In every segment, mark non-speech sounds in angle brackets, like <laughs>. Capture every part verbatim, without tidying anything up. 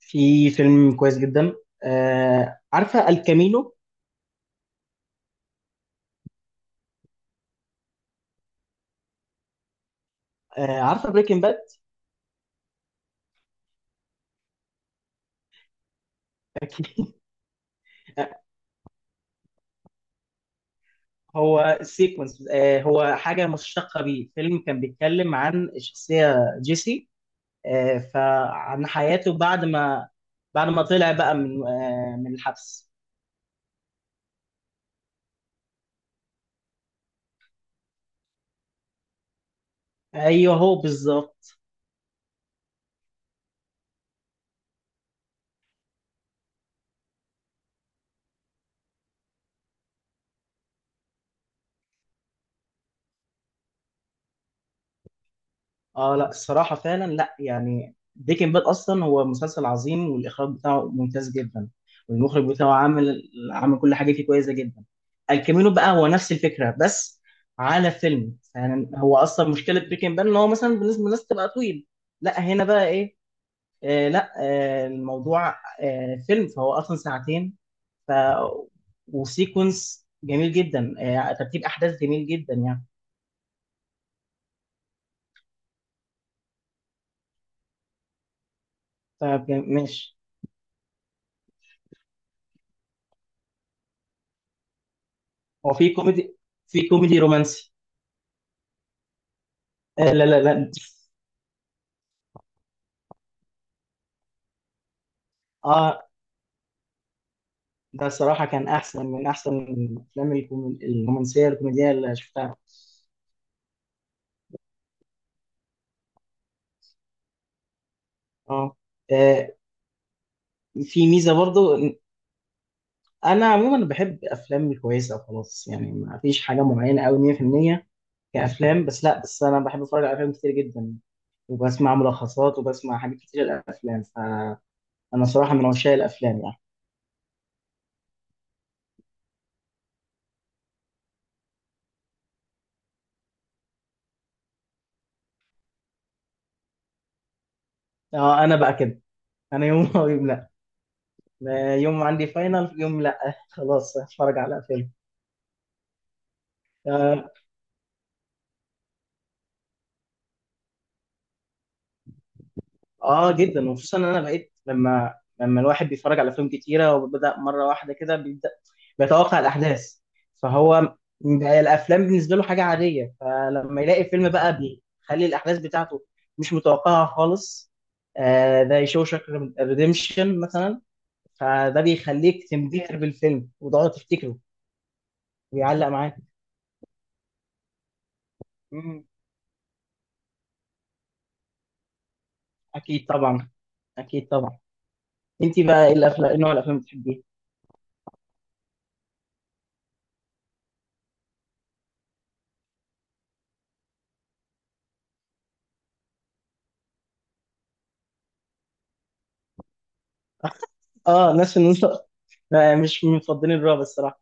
في فيلم كويس جدا. آه، عارفه الكامينو؟ آه، عارفه بريكنج باد؟ اكيد. <laughs> هو سيكونس، آه هو حاجه مشتقه بيه، فيلم كان بيتكلم عن الشخصيه جيسي. آه فعن حياته بعد ما بعد ما طلع بقى من آه من الحبس. ايوه هو بالظبط. اه لا الصراحة فعلا، لا يعني بريكنج باد اصلا هو مسلسل عظيم، والاخراج بتاعه ممتاز جدا، والمخرج بتاعه عامل عامل كل حاجة فيه كويسة جدا. الكامينو بقى هو نفس الفكرة، بس على فيلم. يعني هو اصلا مشكلة بريكنج باد ان هو مثلا بالنسبة للناس تبقى طويل، لا هنا بقى ايه، آه لا آه الموضوع آه فيلم، فهو اصلا ساعتين. ف وسيكونس جميل جدا، آه، ترتيب احداث جميل جدا يعني. فماشي. هو في كوميدي، في كوميدي رومانسي. آه لا لا لا. اه ده صراحة كان أحسن من أحسن الأفلام الكوم- الرومانسية الكوميدية اللي شفتها. اه، آه، في ميزة برضو إن أنا عموما بحب أفلام كويسة وخلاص، يعني ما فيش حاجة معينة أوي مية في المية كأفلام. بس لا، بس أنا بحب أتفرج على أفلام كتير جدا، وبسمع ملخصات وبسمع حاجات كتير للأفلام، فأنا صراحة من عشاق الأفلام يعني. اه، أنا بقى كده، أنا يوم <laughs> أو يوم لا. لا، يوم عندي فاينل، يوم لا خلاص هتفرج على فيلم. آه، اه جدا. وخصوصا ان انا بقيت، لما لما الواحد بيتفرج على افلام كتيره وبدا مره واحده كده، بيبدا بيتوقع الاحداث. فهو بقى الافلام بالنسبه له حاجه عاديه، فلما يلاقي فيلم بقى بيخلي الاحداث بتاعته مش متوقعه خالص، آه ده شوشك ريديمشن مثلا، فده بيخليك تنبهر بالفيلم وتقعد تفتكره ويعلق معاك. مم، اكيد طبعا. اكيد طبعا. انت بقى ايه الافلام، إيه نوع الافلام اللي بتحبيها؟ اه الناس اللي آه، مش مفضلين الرعب الصراحه.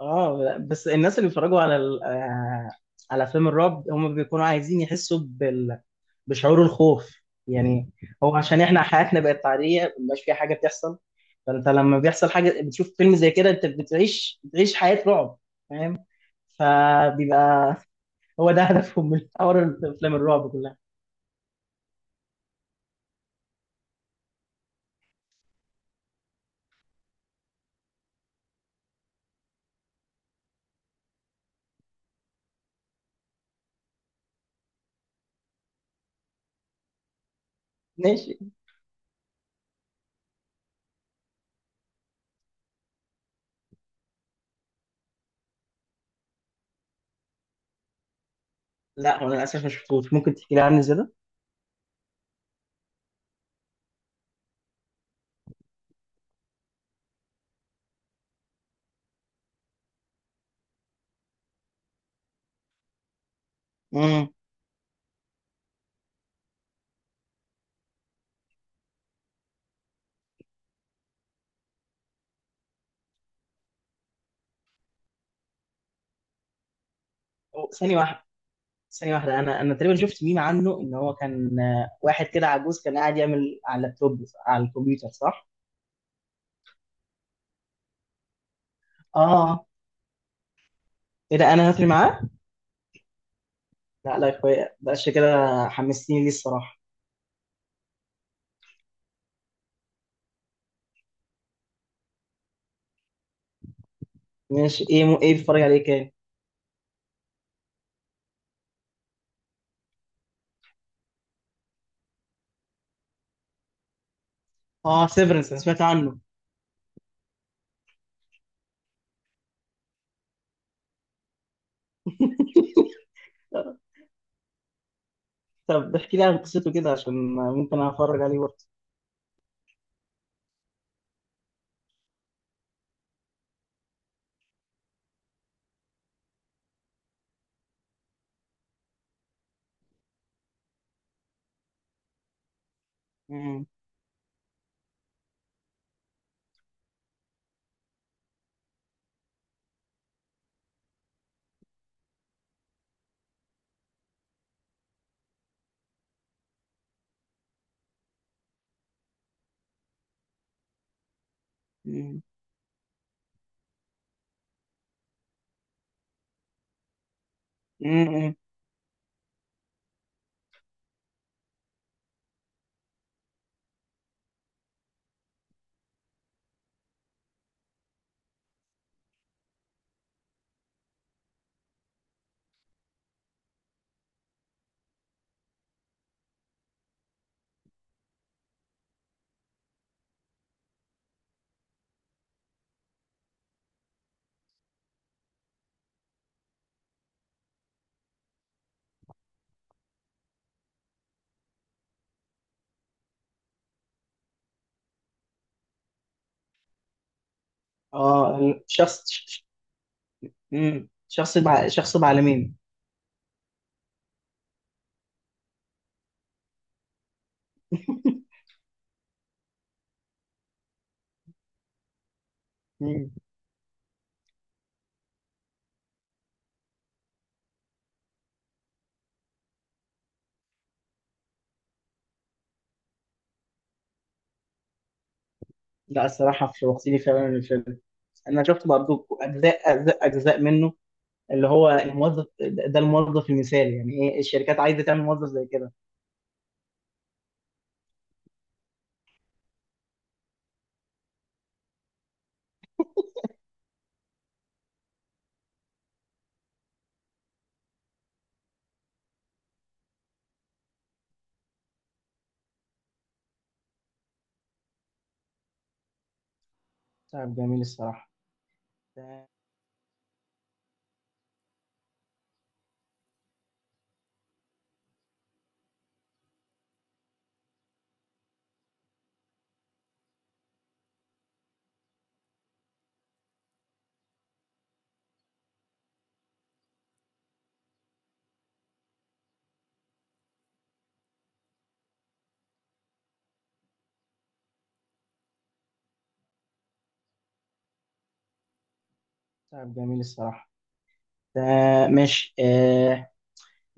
اه، بس الناس اللي بيتفرجوا على ال... آه، على فيلم الرعب، هم بيكونوا عايزين يحسوا بال... بشعور الخوف يعني. هو عشان احنا حياتنا بقت عاديه، مبقاش فيها حاجه بتحصل، فانت لما بيحصل حاجه بتشوف فيلم زي كده، انت بتعيش بتعيش حياه رعب، فاهم؟ فبيبقى هو ده هدفهم من حوار افلام الرعب كلها. ماشي. لا هو انا للاسف ما شفتوش، ممكن تحكي لي عنه زياده. امم، ثانيه واحده. ثانية واحدة أنا أنا تقريبا شفت ميم عنه، إن هو كان آه، واحد كده عجوز كان قاعد يعمل على اللابتوب، على الكمبيوتر، صح؟ آه، إيه ده، أنا هاتري معاه؟ لا لا يا أخويا بقاش كده، حمستني ليه الصراحة. ماشي. إيه م... إيه بتتفرج عليه كان؟ آه سيفرنس، أنا سمعت عنه. طب احكي لي عن قصته كده، عشان ممكن أتفرج عليه برضه. مم. مم. مم. آه، شخص شخص بع... شخص بعالمين. مم. لا الصراحة شوقتني فعلا الفيلم. انا شفت برضو اجزاء اجزاء اجزاء منه، اللي هو الموظف ده، ده الموظف المثالي يعني، ايه الشركات عايزه تعمل موظف زي كده. تعب جميل الصراحه ده. تعب جميل الصراحه ده. ماشي. آه،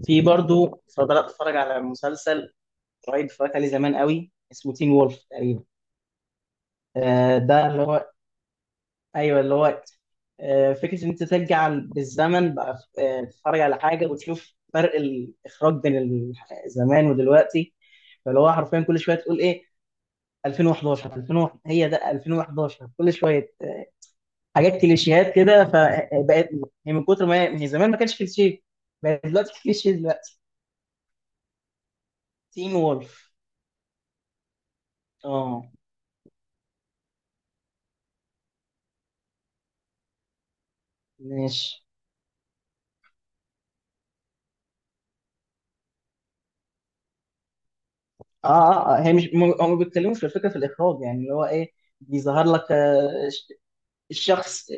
في برضو بدات اتفرج على مسلسل قريب، اتفرجت عليه زمان قوي، اسمه تين وولف تقريبا. آه، ده اللي هو، ايوه اللي هو، آه، فكره ان انت ترجع بالزمن بقى، آه، تتفرج على حاجه وتشوف فرق الاخراج بين ال- زمان ودلوقتي. فاللي هو حرفيا كل شويه تقول ايه، ألفين وحداشر ألفين وواحد، هي ده ألفين وحداشر، كل شويه حاجات كليشيهات كده. فبقت هي من كتر ما هي من زمان، ما كانش كليشيه، بقت دلوقتي كليشيه دلوقتي. تين وولف. اه ماشي. اه اه آه، هي مش هم هم بيتكلموا في الفكره في الاخراج، يعني اللي هو ايه بيظهر لك، آه، ش- الشخص آه،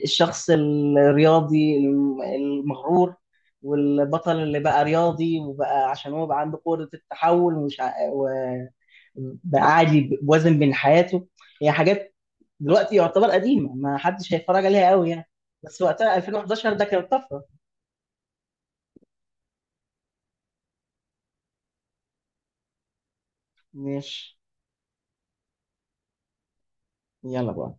آه، الشخص الرياضي الم- المغرور، والبطل اللي بقى رياضي وبقى عشان هو بقى عنده قدره التحول، ومش بقى عادي، ب- وزن بين حياته. هي حاجات دلوقتي يعتبر قديمة، ما حدش هيتفرج عليها قوي يعني. بس وقتها ألفين وأحد عشر ده كانت طفرة. مش يلا بقى.